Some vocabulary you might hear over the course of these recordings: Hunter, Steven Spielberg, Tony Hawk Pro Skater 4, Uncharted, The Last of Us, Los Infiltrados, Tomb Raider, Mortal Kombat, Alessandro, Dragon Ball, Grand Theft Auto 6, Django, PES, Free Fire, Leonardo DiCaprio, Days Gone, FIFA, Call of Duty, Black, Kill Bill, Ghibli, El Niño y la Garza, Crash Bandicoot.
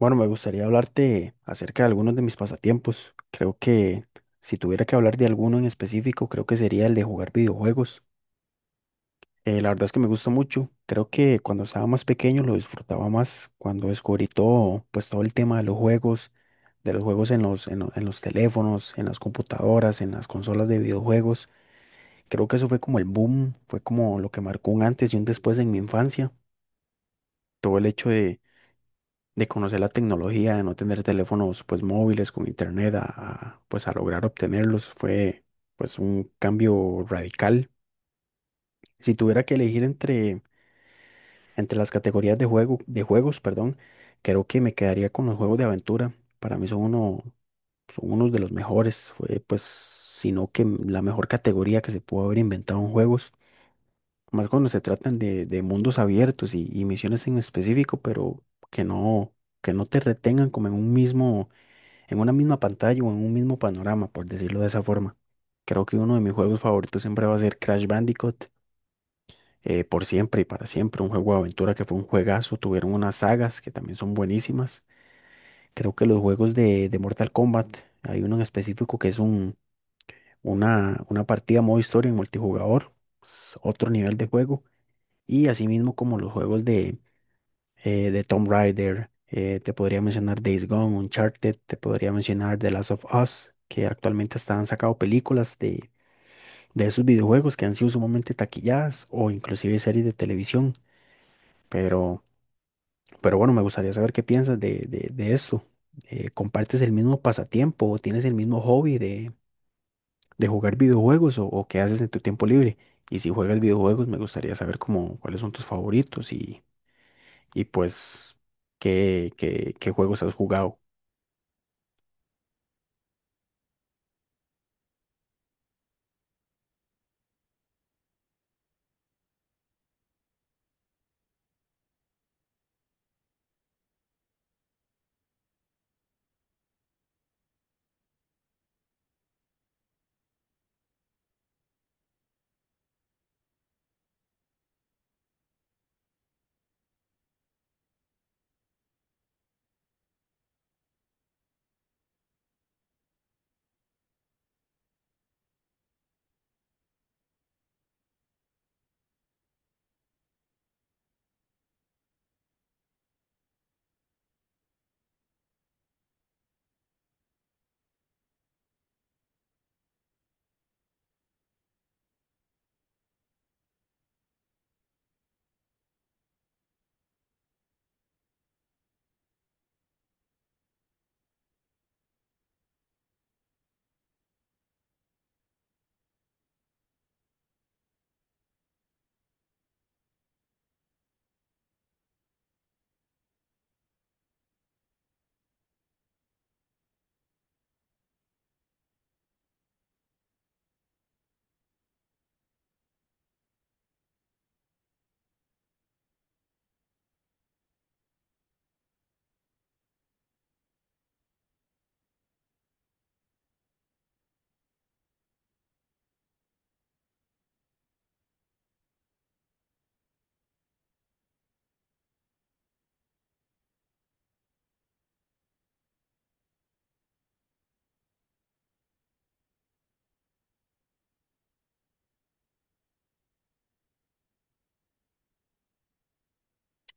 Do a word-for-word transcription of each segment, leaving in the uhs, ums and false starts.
Bueno, me gustaría hablarte acerca de algunos de mis pasatiempos. Creo que si tuviera que hablar de alguno en específico, creo que sería el de jugar videojuegos. Eh, la verdad es que me gusta mucho. Creo que cuando estaba más pequeño lo disfrutaba más, cuando descubrí todo, pues todo el tema de los juegos, de los juegos en los, en lo- en los teléfonos, en las computadoras, en las consolas de videojuegos. Creo que eso fue como el boom, fue como lo que marcó un antes y un después en mi infancia. Todo el hecho de de conocer la tecnología, de no tener teléfonos pues móviles con internet, a, a, pues a lograr obtenerlos, fue pues un cambio radical. Si tuviera que elegir entre, entre las categorías de juego, de juegos, perdón, creo que me quedaría con los juegos de aventura. Para mí son uno, Son unos de los mejores, fue pues, sino que m- la mejor categoría que se pudo haber inventado en juegos, más cuando se tratan de, de mundos abiertos y, y misiones en específico, pero que no, que no te retengan como en un mismo en una misma pantalla o en un mismo panorama, por decirlo de esa forma. Creo que uno de mis juegos favoritos siempre va a ser Crash Bandicoot, eh, por siempre y para siempre, un juego de aventura que fue un juegazo, tuvieron unas sagas que también son buenísimas. Creo que los juegos de, de Mortal Kombat, hay uno en específico que es un, una, una partida modo historia en multijugador, es otro nivel de juego, y así mismo como los juegos de eh, de Tomb Raider, eh, te podría mencionar Days Gone, Uncharted, te podría mencionar The Last of Us, que actualmente están sacando películas de, de esos videojuegos que han sido sumamente taquilladas o inclusive series de televisión. Pero, pero bueno, me gustaría saber qué piensas de, de, de esto. Eh, ¿compartes el mismo pasatiempo o tienes el mismo hobby de, de jugar videojuegos o, o qué haces en tu tiempo libre? Y si juegas videojuegos, me gustaría saber como cuáles son tus favoritos y, y pues qué, qué, qué juegos has jugado.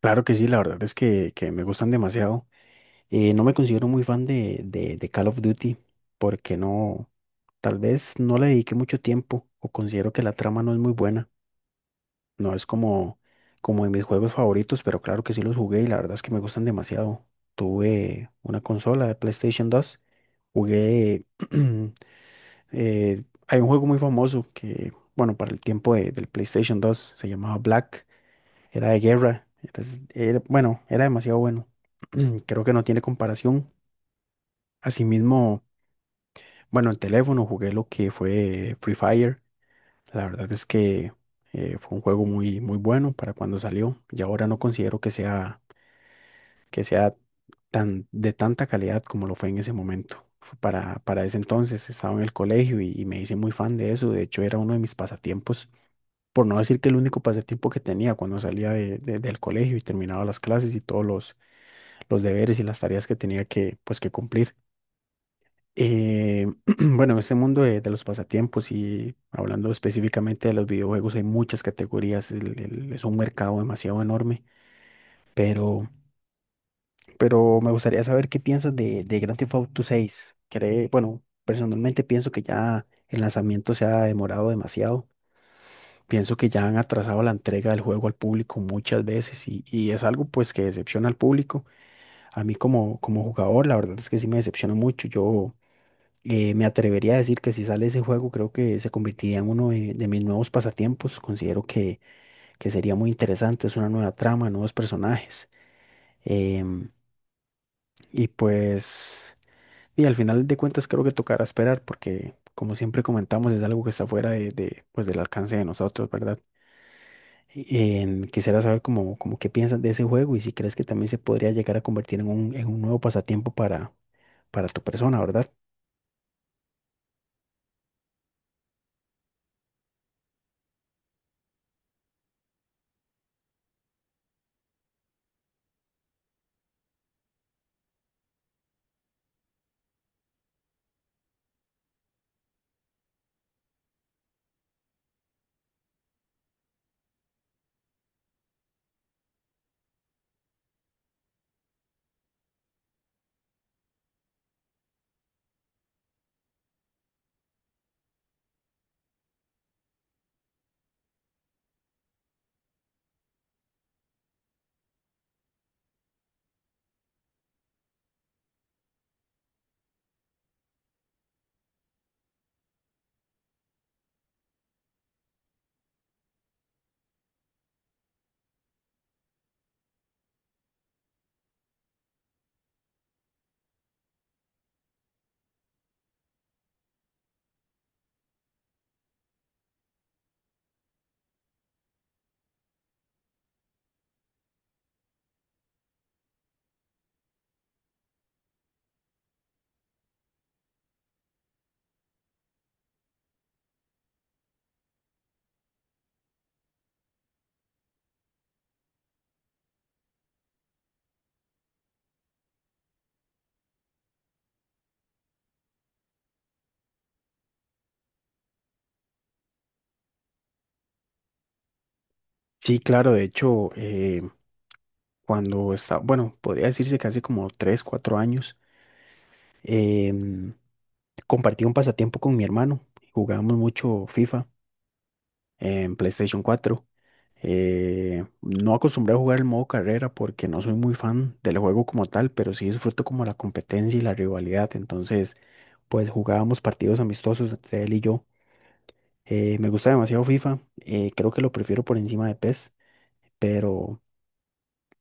Claro que sí, la verdad es que, que me gustan demasiado. Eh, no me considero muy fan de, de, de Call of Duty porque no, tal vez no le dediqué mucho tiempo o considero que la trama no es muy buena. No es como, como de mis juegos favoritos, pero claro que sí los jugué y la verdad es que me gustan demasiado. Tuve una consola de PlayStation dos, jugué... eh, hay un juego muy famoso que, bueno, para el tiempo de- del PlayStation dos se llamaba Black. Era de guerra. Era, es- era- bueno, era demasiado bueno. Creo que no tiene comparación. Asimismo, bueno, en teléfono jugué lo que fue Free Fire. La verdad es que eh, fue un juego muy, muy bueno para cuando salió. Y ahora no considero que sea, que sea tan, de tanta calidad como lo fue en ese momento. Fue Para, para ese entonces estaba en el colegio y, y me hice muy fan de eso. De hecho, era uno de mis pasatiempos por no decir que el único pasatiempo que tenía cuando salía de- de- del colegio y terminaba las clases y todos los, los deberes y las tareas que tenía que, pues, que cumplir. Eh, bueno, en este mundo de, de los pasatiempos y hablando específicamente de los videojuegos, hay muchas categorías, el- el- es un mercado demasiado enorme, pero, pero me gustaría saber qué piensas de, de Grand Theft Auto seis. Cree, bueno, personalmente pienso que ya el lanzamiento se ha demorado demasiado. Pienso que ya han atrasado la entrega del juego al público muchas veces y, y es algo pues que decepciona al público. A mí como, como jugador, la verdad es que sí me decepciona mucho. Yo Eh, me atrevería a decir que si sale ese juego, creo que se convertiría en uno de, de mis nuevos pasatiempos. Considero que, que sería muy interesante. Es una nueva trama, nuevos personajes. em, y pues, y al final de cuentas creo que tocará esperar porque, como siempre comentamos, es algo que está fuera de, de, pues, del alcance de nosotros, ¿verdad? em, quisiera saber cómo, cómo qué piensas de ese juego y si crees que también se podría llegar a convertir en un, en un nuevo pasatiempo para, para tu persona, ¿verdad? Sí, claro, de hecho, eh, cuando estaba, bueno, podría decirse que hace como tres, cuatro años, em, compartí un pasatiempo con mi hermano. Jugábamos mucho FIFA en PlayStation cuatro. Eh, no acostumbré a jugar el modo carrera porque no soy muy fan del juego como tal, pero sí disfruto como la competencia y la rivalidad. Entonces, pues jugábamos partidos amistosos entre él y yo. Eh, me gusta demasiado FIFA, eh, creo que lo prefiero por encima de P E S, pero,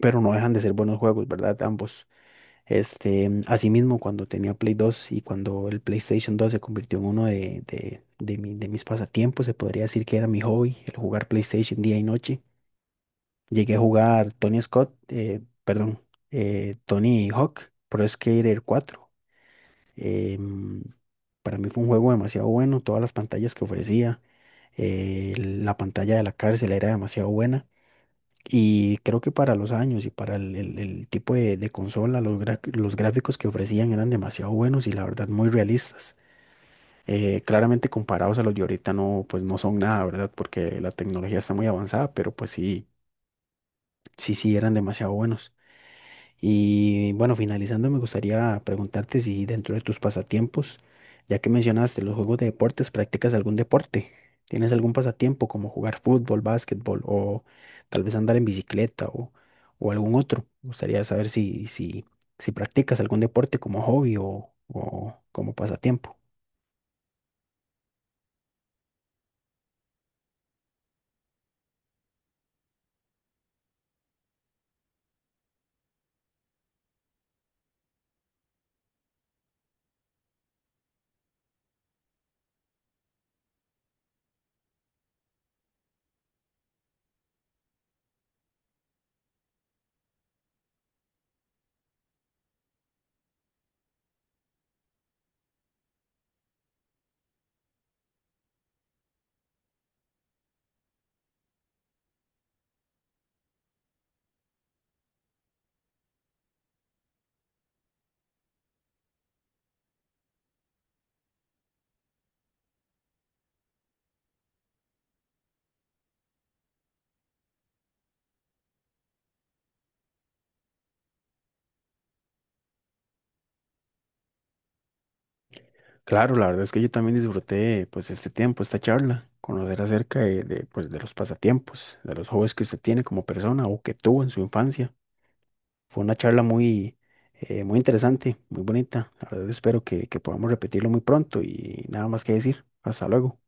pero no dejan de ser buenos juegos, ¿verdad? Ambos. Este, asimismo, cuando tenía Play dos y cuando el PlayStation dos se convirtió en uno de, de, de mi- de mis pasatiempos, se podría decir que era mi hobby, el jugar PlayStation día y noche. Llegué a jugar Tony Scott, eh, perdón, eh, Tony Hawk, Pro Skater cuatro. Em, para mí fue un juego demasiado bueno, todas las pantallas que ofrecía, eh, la pantalla de la cárcel era demasiado buena. Y creo que para los años y para el, el- el tipo de, de consola, los, gra- los gráficos que ofrecían eran demasiado buenos y la verdad muy realistas. Eh, claramente comparados a los de ahorita no, pues no son nada, ¿verdad? Porque la tecnología está muy avanzada, pero pues sí, sí, sí eran demasiado buenos. Y bueno, finalizando, me gustaría preguntarte si dentro de tus pasatiempos, ya que mencionaste los juegos de deportes, ¿practicas algún deporte? ¿Tienes algún pasatiempo como jugar fútbol, básquetbol o tal vez andar en bicicleta o, o algún otro? Me gustaría saber si, si, si practicas algún deporte como hobby o, o como pasatiempo. Claro, la verdad es que yo también disfruté pues este tiempo, esta charla, conocer acerca de, de, pues, de los pasatiempos, de los hobbies que usted tiene como persona o que tuvo en su infancia. Fue una charla muy, eh, muy interesante, muy bonita. La verdad espero que, que podamos repetirlo muy pronto y nada más que decir. Hasta luego.